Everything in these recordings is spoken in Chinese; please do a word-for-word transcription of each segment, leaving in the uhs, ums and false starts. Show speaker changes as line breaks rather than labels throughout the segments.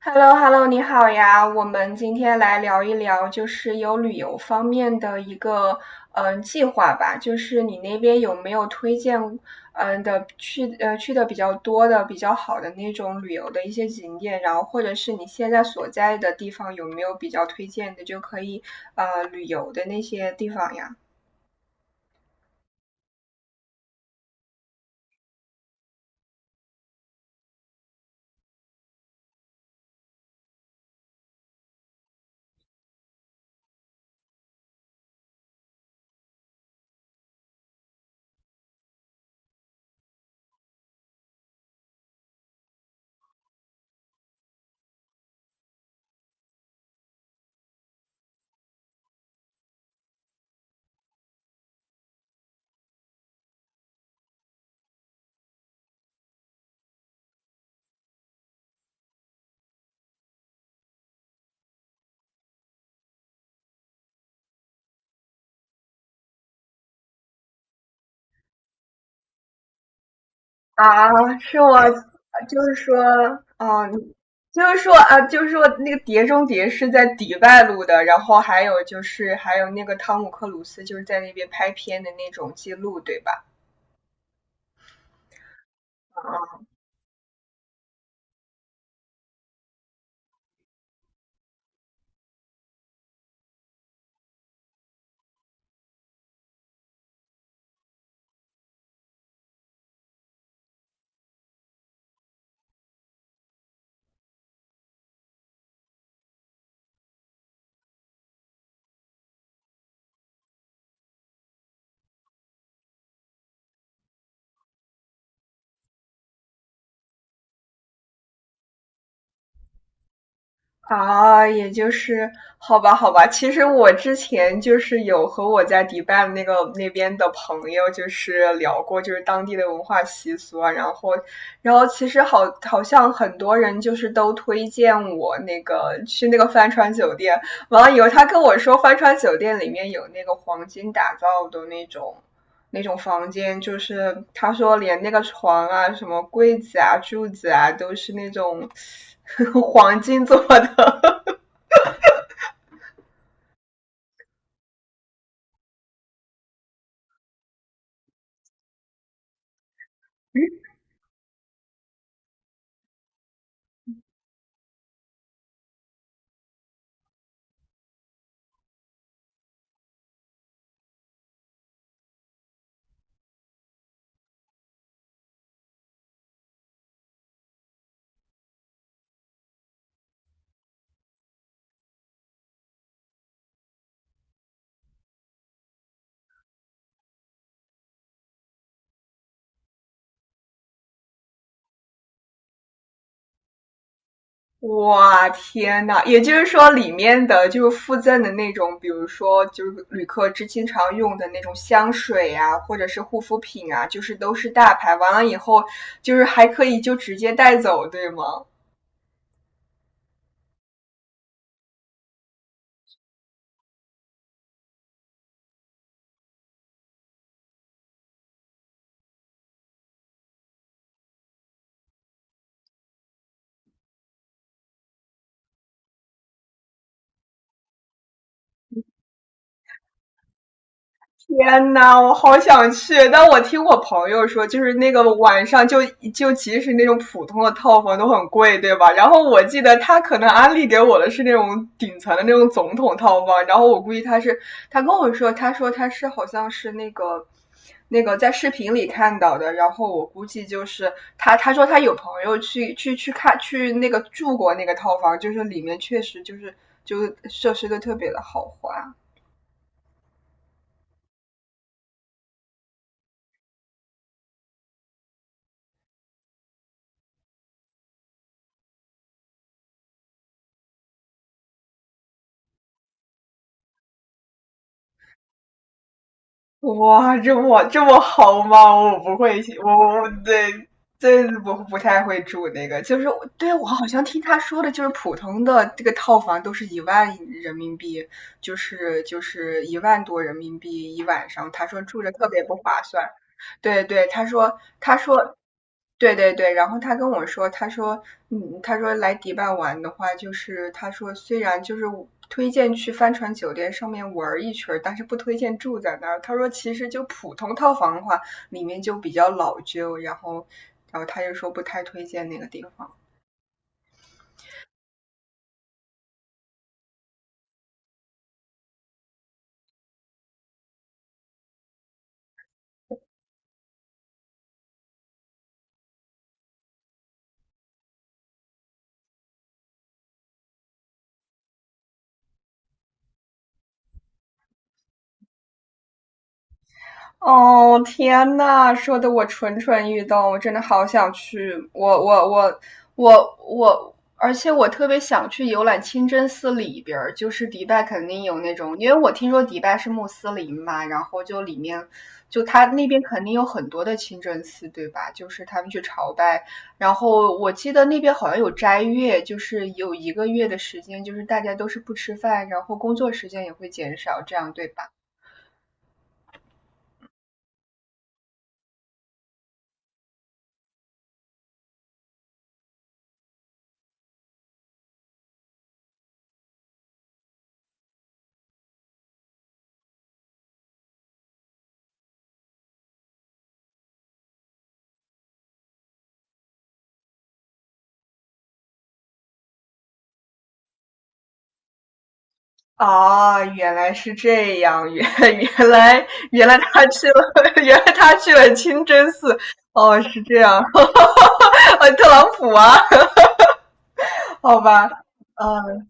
h e l l o h e l l o 你好呀，我们今天来聊一聊，就是有旅游方面的一个嗯、呃计划吧，就是你那边有没有推荐嗯、呃的去呃去的比较多的、比较好的那种旅游的一些景点，然后或者是你现在所在的地方有没有比较推荐的，就可以呃旅游的那些地方呀？啊，是我，就是说，哦，你就是说啊，就是说那个《碟中谍》是在迪拜录的，然后还有就是还有那个汤姆克鲁斯就是在那边拍片的那种记录，对吧？嗯啊，也就是好吧，好吧。其实我之前就是有和我在迪拜那个那边的朋友就是聊过，就是当地的文化习俗啊，然后，然后其实好好像很多人就是都推荐我那个去那个帆船酒店，完了以后他跟我说帆船酒店里面有那个黄金打造的那种。那种房间，就是他说连那个床啊、什么柜子啊、柱子啊，都是那种 黄金做的。哇，天呐，也就是说里面的就是附赠的那种，比如说就是旅客之经常用的那种香水啊，或者是护肤品啊，就是都是大牌。完了以后，就是还可以就直接带走，对吗？天呐，我好想去。但我听我朋友说，就是那个晚上就就即使那种普通的套房都很贵，对吧？然后我记得他可能安利给我的是那种顶层的那种总统套房，然后我估计他是他跟我说，他说他是好像是那个那个在视频里看到的，然后我估计就是他他说他有朋友去去去看去那个住过那个套房，就是里面确实就是就是设施都特别的豪华。哇，这么这么好吗？我不会，我我我对这不不太会住那个，就是我对我好像听他说的，就是普通的这个套房都是一万人民币，就是就是一万多人民币一晚上。他说住着特别不划算。对对，他说他说对对对，然后他跟我说，他说，嗯，他说来迪拜玩的话，就是他说虽然就是推荐去帆船酒店上面玩一圈儿，但是不推荐住在那儿。他说其实就普通套房的话，里面就比较老旧，然后，然后他就说不太推荐那个地方。哦，天呐，说的我蠢蠢欲动，我真的好想去。我我我我我，而且我特别想去游览清真寺里边儿，就是迪拜肯定有那种，因为我听说迪拜是穆斯林嘛，然后就里面就他那边肯定有很多的清真寺，对吧？就是他们去朝拜，然后我记得那边好像有斋月，就是有一个月的时间，就是大家都是不吃饭，然后工作时间也会减少，这样对吧？啊，原来是这样，原 原来原来他去了，原来他去了清真寺，哦，是这样，哦，特朗普啊，好吧，嗯，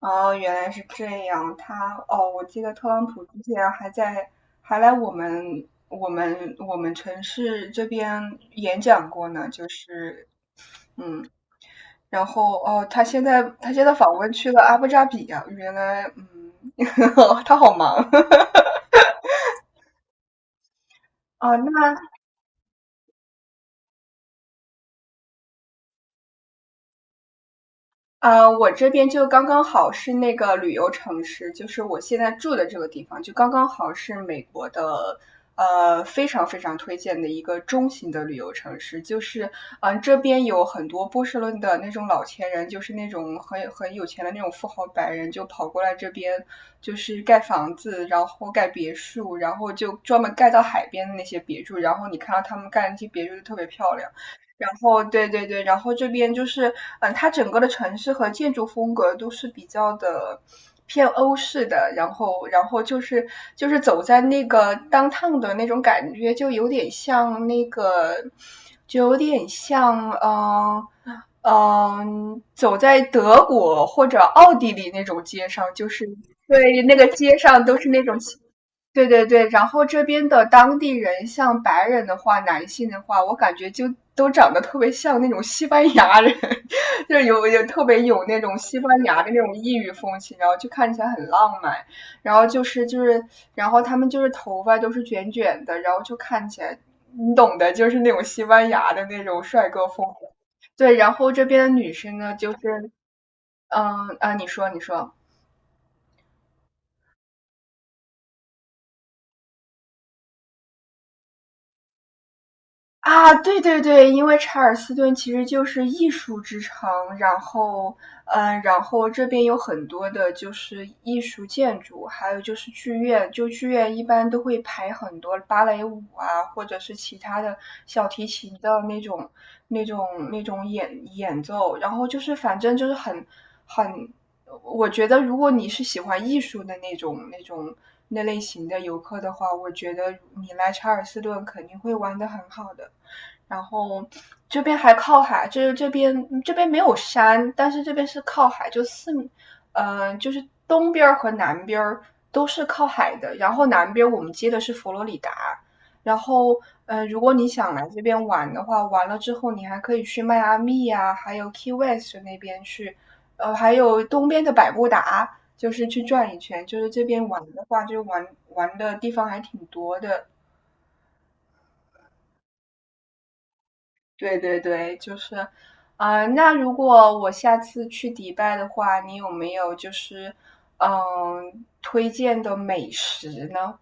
哦，原来是这样，他，哦，我记得特朗普之前还在，还来我们我们我们城市这边演讲过呢，就是，嗯，然后哦，他现在他现在访问去了阿布扎比啊，原来，嗯，他好忙 哦，那。呃，我这边就刚刚好是那个旅游城市，就是我现在住的这个地方，就刚刚好是美国的，呃，非常非常推荐的一个中型的旅游城市。就是，嗯、这边有很多波士顿的那种老钱人，就是那种很很有钱的那种富豪白人，就跑过来这边，就是盖房子，然后盖别墅，然后就专门盖到海边的那些别墅。然后你看到他们盖那些别墅就特别漂亮。然后对对对，然后这边就是，嗯，它整个的城市和建筑风格都是比较的偏欧式的，然后然后就是就是走在那个 downtown 的那种感觉，就有点像那个，就有点像嗯嗯，走在德国或者奥地利那种街上，就是对那个街上都是那种对对对，然后这边的当地人，像白人的话，男性的话，我感觉就都长得特别像那种西班牙人，就是有有特别有那种西班牙的那种异域风情，然后就看起来很浪漫，然后就是就是，然后他们就是头发都是卷卷的，然后就看起来，你懂的，就是那种西班牙的那种帅哥风。对，然后这边的女生呢，就是，嗯啊，你说你说。啊，对对对，因为查尔斯顿其实就是艺术之城，然后，嗯，然后这边有很多的就是艺术建筑，还有就是剧院，就剧院一般都会排很多芭蕾舞啊，或者是其他的小提琴的那种、那种、那种演演奏，然后就是反正就是很很，我觉得如果你是喜欢艺术的那种那种那类型的游客的话，我觉得你来查尔斯顿肯定会玩的很好的。然后这边还靠海，就是这边这边没有山，但是这边是靠海，就四，呃，就是东边和南边都是靠海的。然后南边我们接的是佛罗里达，然后呃，如果你想来这边玩的话，完了之后你还可以去迈阿密呀、还有 Key West 那边去，呃，还有东边的百慕达，就是去转一圈。就是这边玩的话，就玩玩的地方还挺多的。对对对，就是，啊、那如果我下次去迪拜的话，你有没有就是，嗯，推荐的美食呢？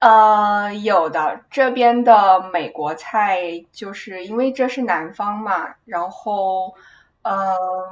呃，有的，这边的美国菜就是因为这是南方嘛，然后